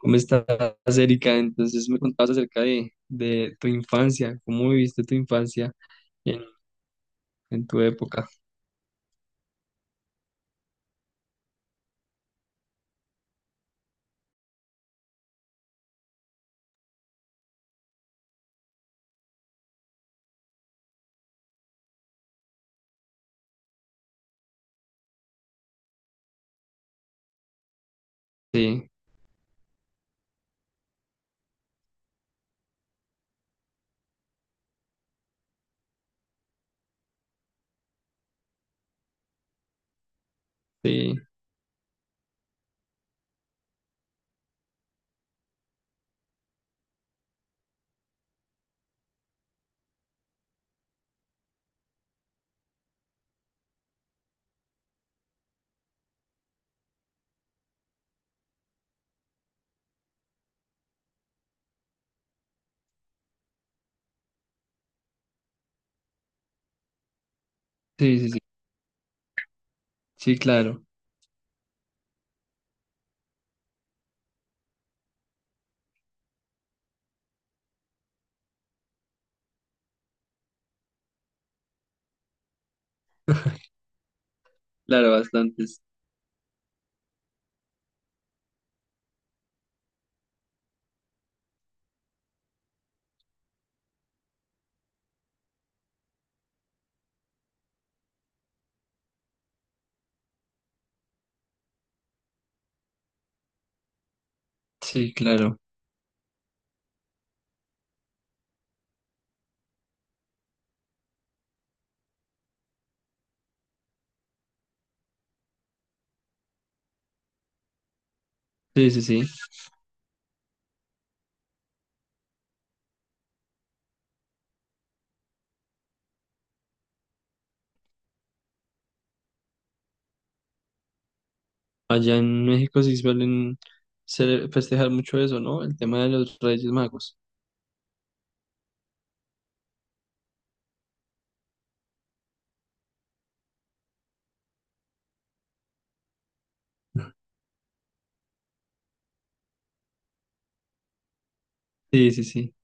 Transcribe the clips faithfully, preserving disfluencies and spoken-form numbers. ¿Cómo estás, Erika? Entonces me contabas acerca de, de tu infancia, cómo viviste tu infancia en, en tu época. Sí, sí, sí, sí, sí, sí, claro, claro, bastantes. Sí, claro, sí, sí, sí. Allá en México sí suelen cele- festejar mucho eso, ¿no? El tema de los Reyes Magos. Sí, sí, sí,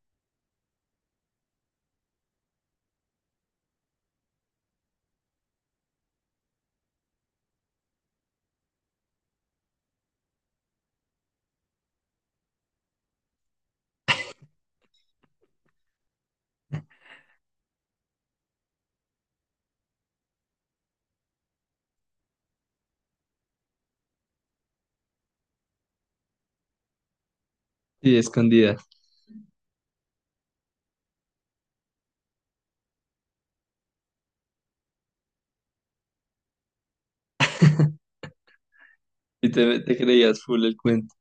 sí, escondida. Y te, te creías full el cuento.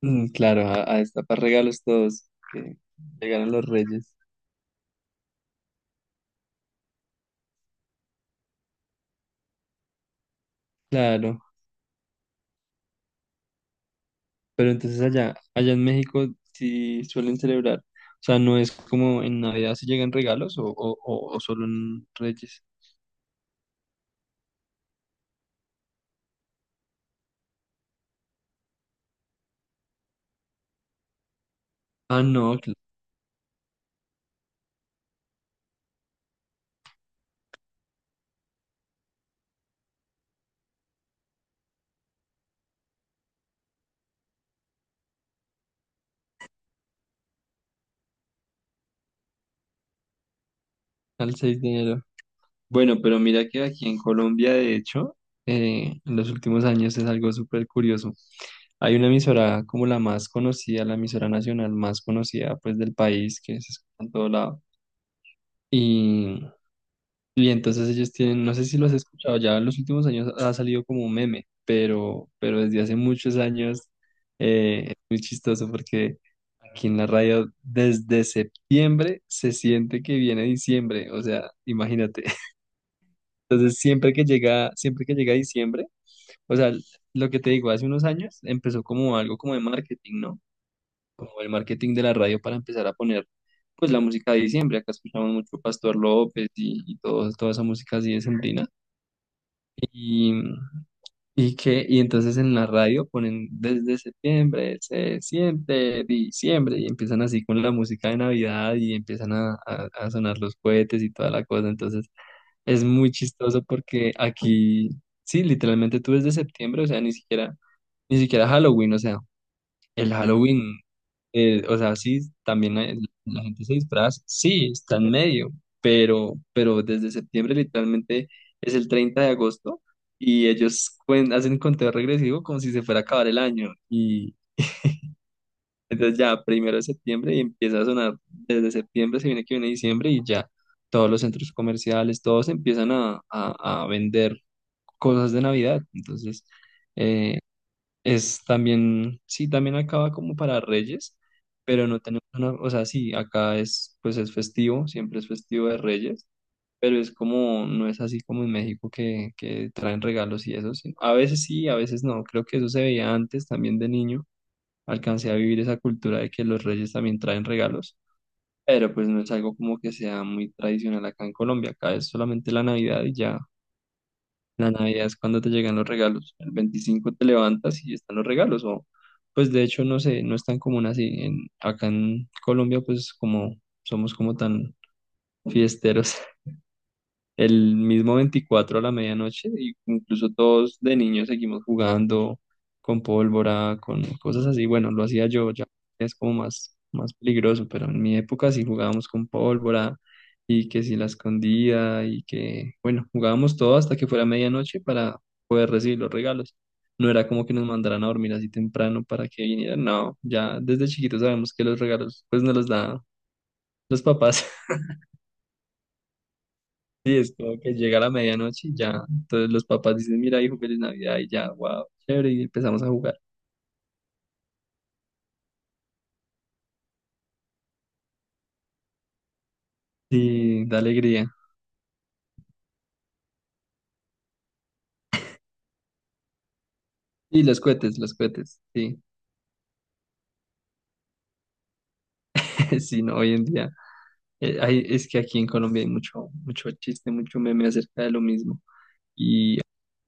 Mm, claro, a, a destapar regalos todos que llegaron los Reyes. Claro. Pero entonces allá, allá en México sí suelen celebrar. O sea, no es como en Navidad si llegan regalos o, o, o- o solo en Reyes. Ah, no, cl- al seis de enero. Bueno, pero mira que aquí en Colombia, de hecho, eh, en los últimos años es algo súper curioso. Hay una emisora como la más conocida, la emisora nacional más conocida pues del país, que se escucha en todo lado. Y entonces ellos tienen, no sé si lo has escuchado, ya en los últimos años ha salido como un meme, pero, pero desde hace muchos años eh, es muy chistoso porque aquí en la radio desde septiembre se siente que viene diciembre, o sea, imagínate. Entonces siempre que llega, siempre que llega diciembre, o sea, lo que te digo, hace unos años empezó como algo como de marketing, ¿no? Como el marketing de la radio para empezar a poner pues la música de diciembre, acá escuchamos mucho Pastor López y, y todo, toda esa música así de y, y que, y entonces en la radio ponen desde septiembre, se siente diciembre, y empiezan así con la música de Navidad y empiezan a, a- a sonar los cohetes y toda la cosa. Entonces es muy chistoso porque aquí, sí, literalmente tú desde septiembre, o sea, ni siquiera, ni siquiera Halloween, o sea. El Halloween, eh, o sea, sí, también hay- la gente se disfraza, sí, está en medio, pero, pero desde septiembre literalmente es el treinta de agosto y ellos cuen- hacen conteo regresivo como si se fuera a acabar el año. Y entonces ya, primero de septiembre y empieza a sonar, desde septiembre se viene que viene diciembre y ya todos los centros comerciales, todos empiezan a, a, a vender cosas de Navidad. Entonces, eh, es también, sí, también acaba como para Reyes, pero no tenemos una, o sea, sí, acá es, pues es festivo, siempre es festivo de Reyes, pero es como, no es así como en México que, que traen regalos y eso, sí. A veces sí, a veces no, creo que eso se veía antes también de niño, alcancé a vivir esa cultura de que los Reyes también traen regalos, pero pues no es algo como que sea muy tradicional acá en Colombia, acá es solamente la Navidad y ya. La Navidad es cuando te llegan los regalos. El veinticinco te levantas y están los regalos. O, pues de hecho, no sé, no es tan común así. En, acá en Colombia, pues como somos como tan fiesteros, el mismo veinticuatro a la medianoche, y incluso todos de niños seguimos jugando con pólvora, con cosas así. Bueno, lo hacía yo, ya es como más, más peligroso, pero en mi época sí jugábamos con pólvora y que si la escondía y que, bueno, jugábamos todo hasta que fuera medianoche para poder recibir los regalos. No era como que nos mandaran a dormir así temprano para que vinieran, no, ya desde chiquitos sabemos que los regalos pues nos los da los papás. Sí, es como que llega la medianoche y ya. Entonces los papás dicen, mira, hijo, feliz Navidad y ya, wow, chévere, y empezamos a jugar. Sí, da alegría. Y los cohetes, los cohetes, sí, sí, no, hoy en día. eh, hay- es que aquí en Colombia hay mucho, mucho chiste, mucho meme acerca de lo mismo. Y,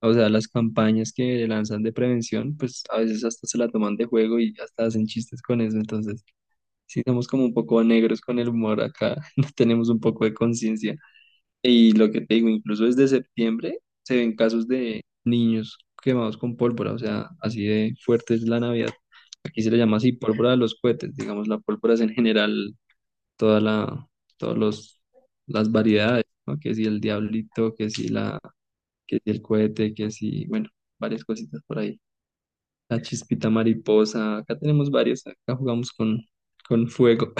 o sea, las campañas que lanzan de prevención, pues a veces hasta se la toman de juego y hasta hacen chistes con eso. Entonces, sí, somos como un poco negros con el humor acá, no tenemos un poco de conciencia. Y lo que te digo, incluso desde septiembre se ven casos de niños quemados con pólvora, o sea, así de fuerte es la Navidad. Aquí se le llama así pólvora de los cohetes, digamos, la pólvora es en general toda la, todos los, las variedades, ¿no? Que si el diablito, que si la, que si el cohete, que si, bueno, varias cositas por ahí. La chispita mariposa, acá tenemos varias, acá jugamos con, con fuego.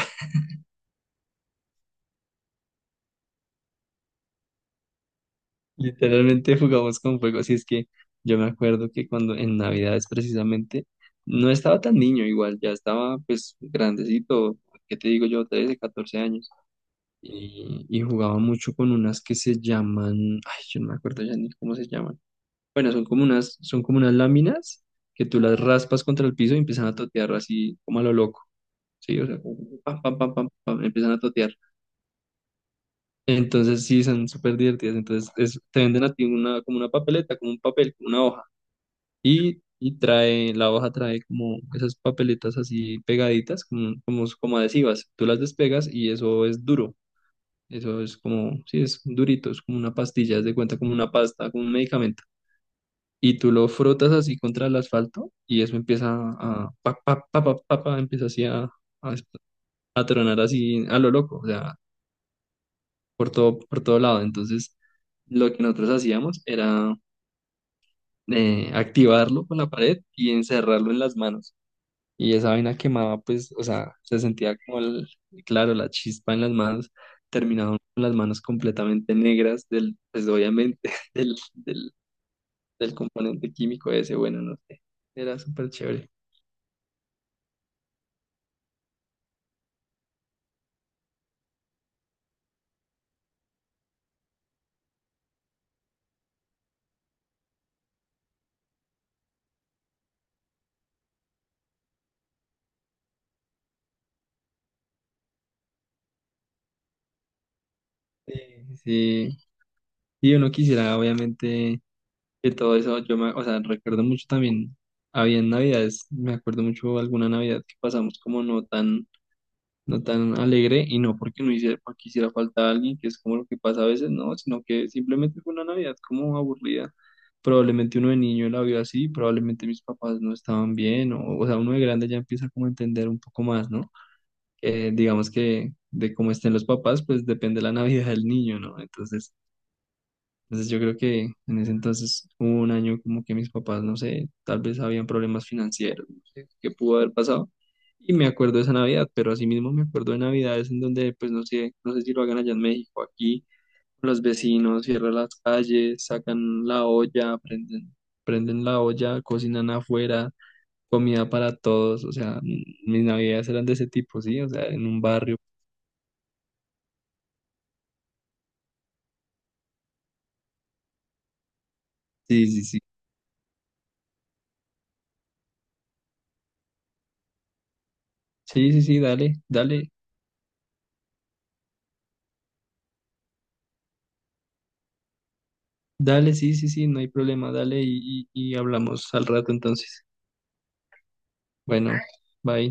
Literalmente jugamos con fuego, así es que yo me acuerdo que cuando en Navidades precisamente no estaba tan niño igual, ya estaba pues grandecito, ¿qué te digo yo? trece, catorce años y, y jugaba mucho con unas que se llaman, ay, yo no me acuerdo ya ni cómo se llaman. Bueno, son como unas, son como unas láminas que tú las raspas contra el piso y empiezan a totear así como a lo loco, ¿sí? O sea, como pam, pam, pam, pam, pam, empiezan a totear. Entonces sí, son súper divertidas. Entonces es- te venden a ti una, como una papeleta, como un papel, como una hoja. Y, y trae, la hoja trae como esas papeletas así pegaditas, como, como, como adhesivas. Tú las despegas y eso es duro. Eso es como, sí, es durito, es como una pastilla, es de cuenta como una pasta, como un medicamento. Y tú lo frotas así contra el asfalto y eso empieza a, pa, pa, pa, pa, pa, pa, empieza así a, a, a tronar así a lo loco. O sea, por todo, por todo lado. Entonces, lo que nosotros hacíamos era eh, activarlo con la pared y encerrarlo en las manos. Y esa vaina quemaba, pues, o sea, se sentía como, el- claro, la chispa en las manos, terminaban con las manos completamente negras del, pues, obviamente, del, del, del componente químico ese, bueno, no sé, era súper chévere. Sí, sí, y uno quisiera, obviamente y todo eso, yo me, o sea, recuerdo mucho también, había navidades, me acuerdo mucho alguna navidad que pasamos como no tan, no tan alegre y no porque no hiciera, porque hiciera falta alguien, que es como lo que pasa a veces, no, sino que simplemente fue una navidad como aburrida. Probablemente uno de niño la vio así, probablemente mis papás no estaban bien, o, o sea, uno de grande ya empieza como a entender un poco más, ¿no? Eh, digamos que de cómo estén los papás, pues depende la Navidad del niño, ¿no? Entonces, entonces yo creo que en ese entonces hubo un año como que mis papás, no sé, tal vez habían problemas financieros, no sé qué pudo haber pasado. Y me acuerdo de esa Navidad, pero asimismo me acuerdo de Navidades en donde, pues no sé, no sé si lo hagan allá en México, aquí los vecinos cierran las calles, sacan la olla, prenden, prenden la olla, cocinan afuera, comida para todos, o sea, mm, mis Navidades eran de ese tipo, ¿sí? O sea, en un barrio. Sí, sí, sí. Sí, sí, sí, dale, dale. Dale, sí, sí, sí, no hay problema, dale y, y y hablamos al rato entonces. Bueno, bye.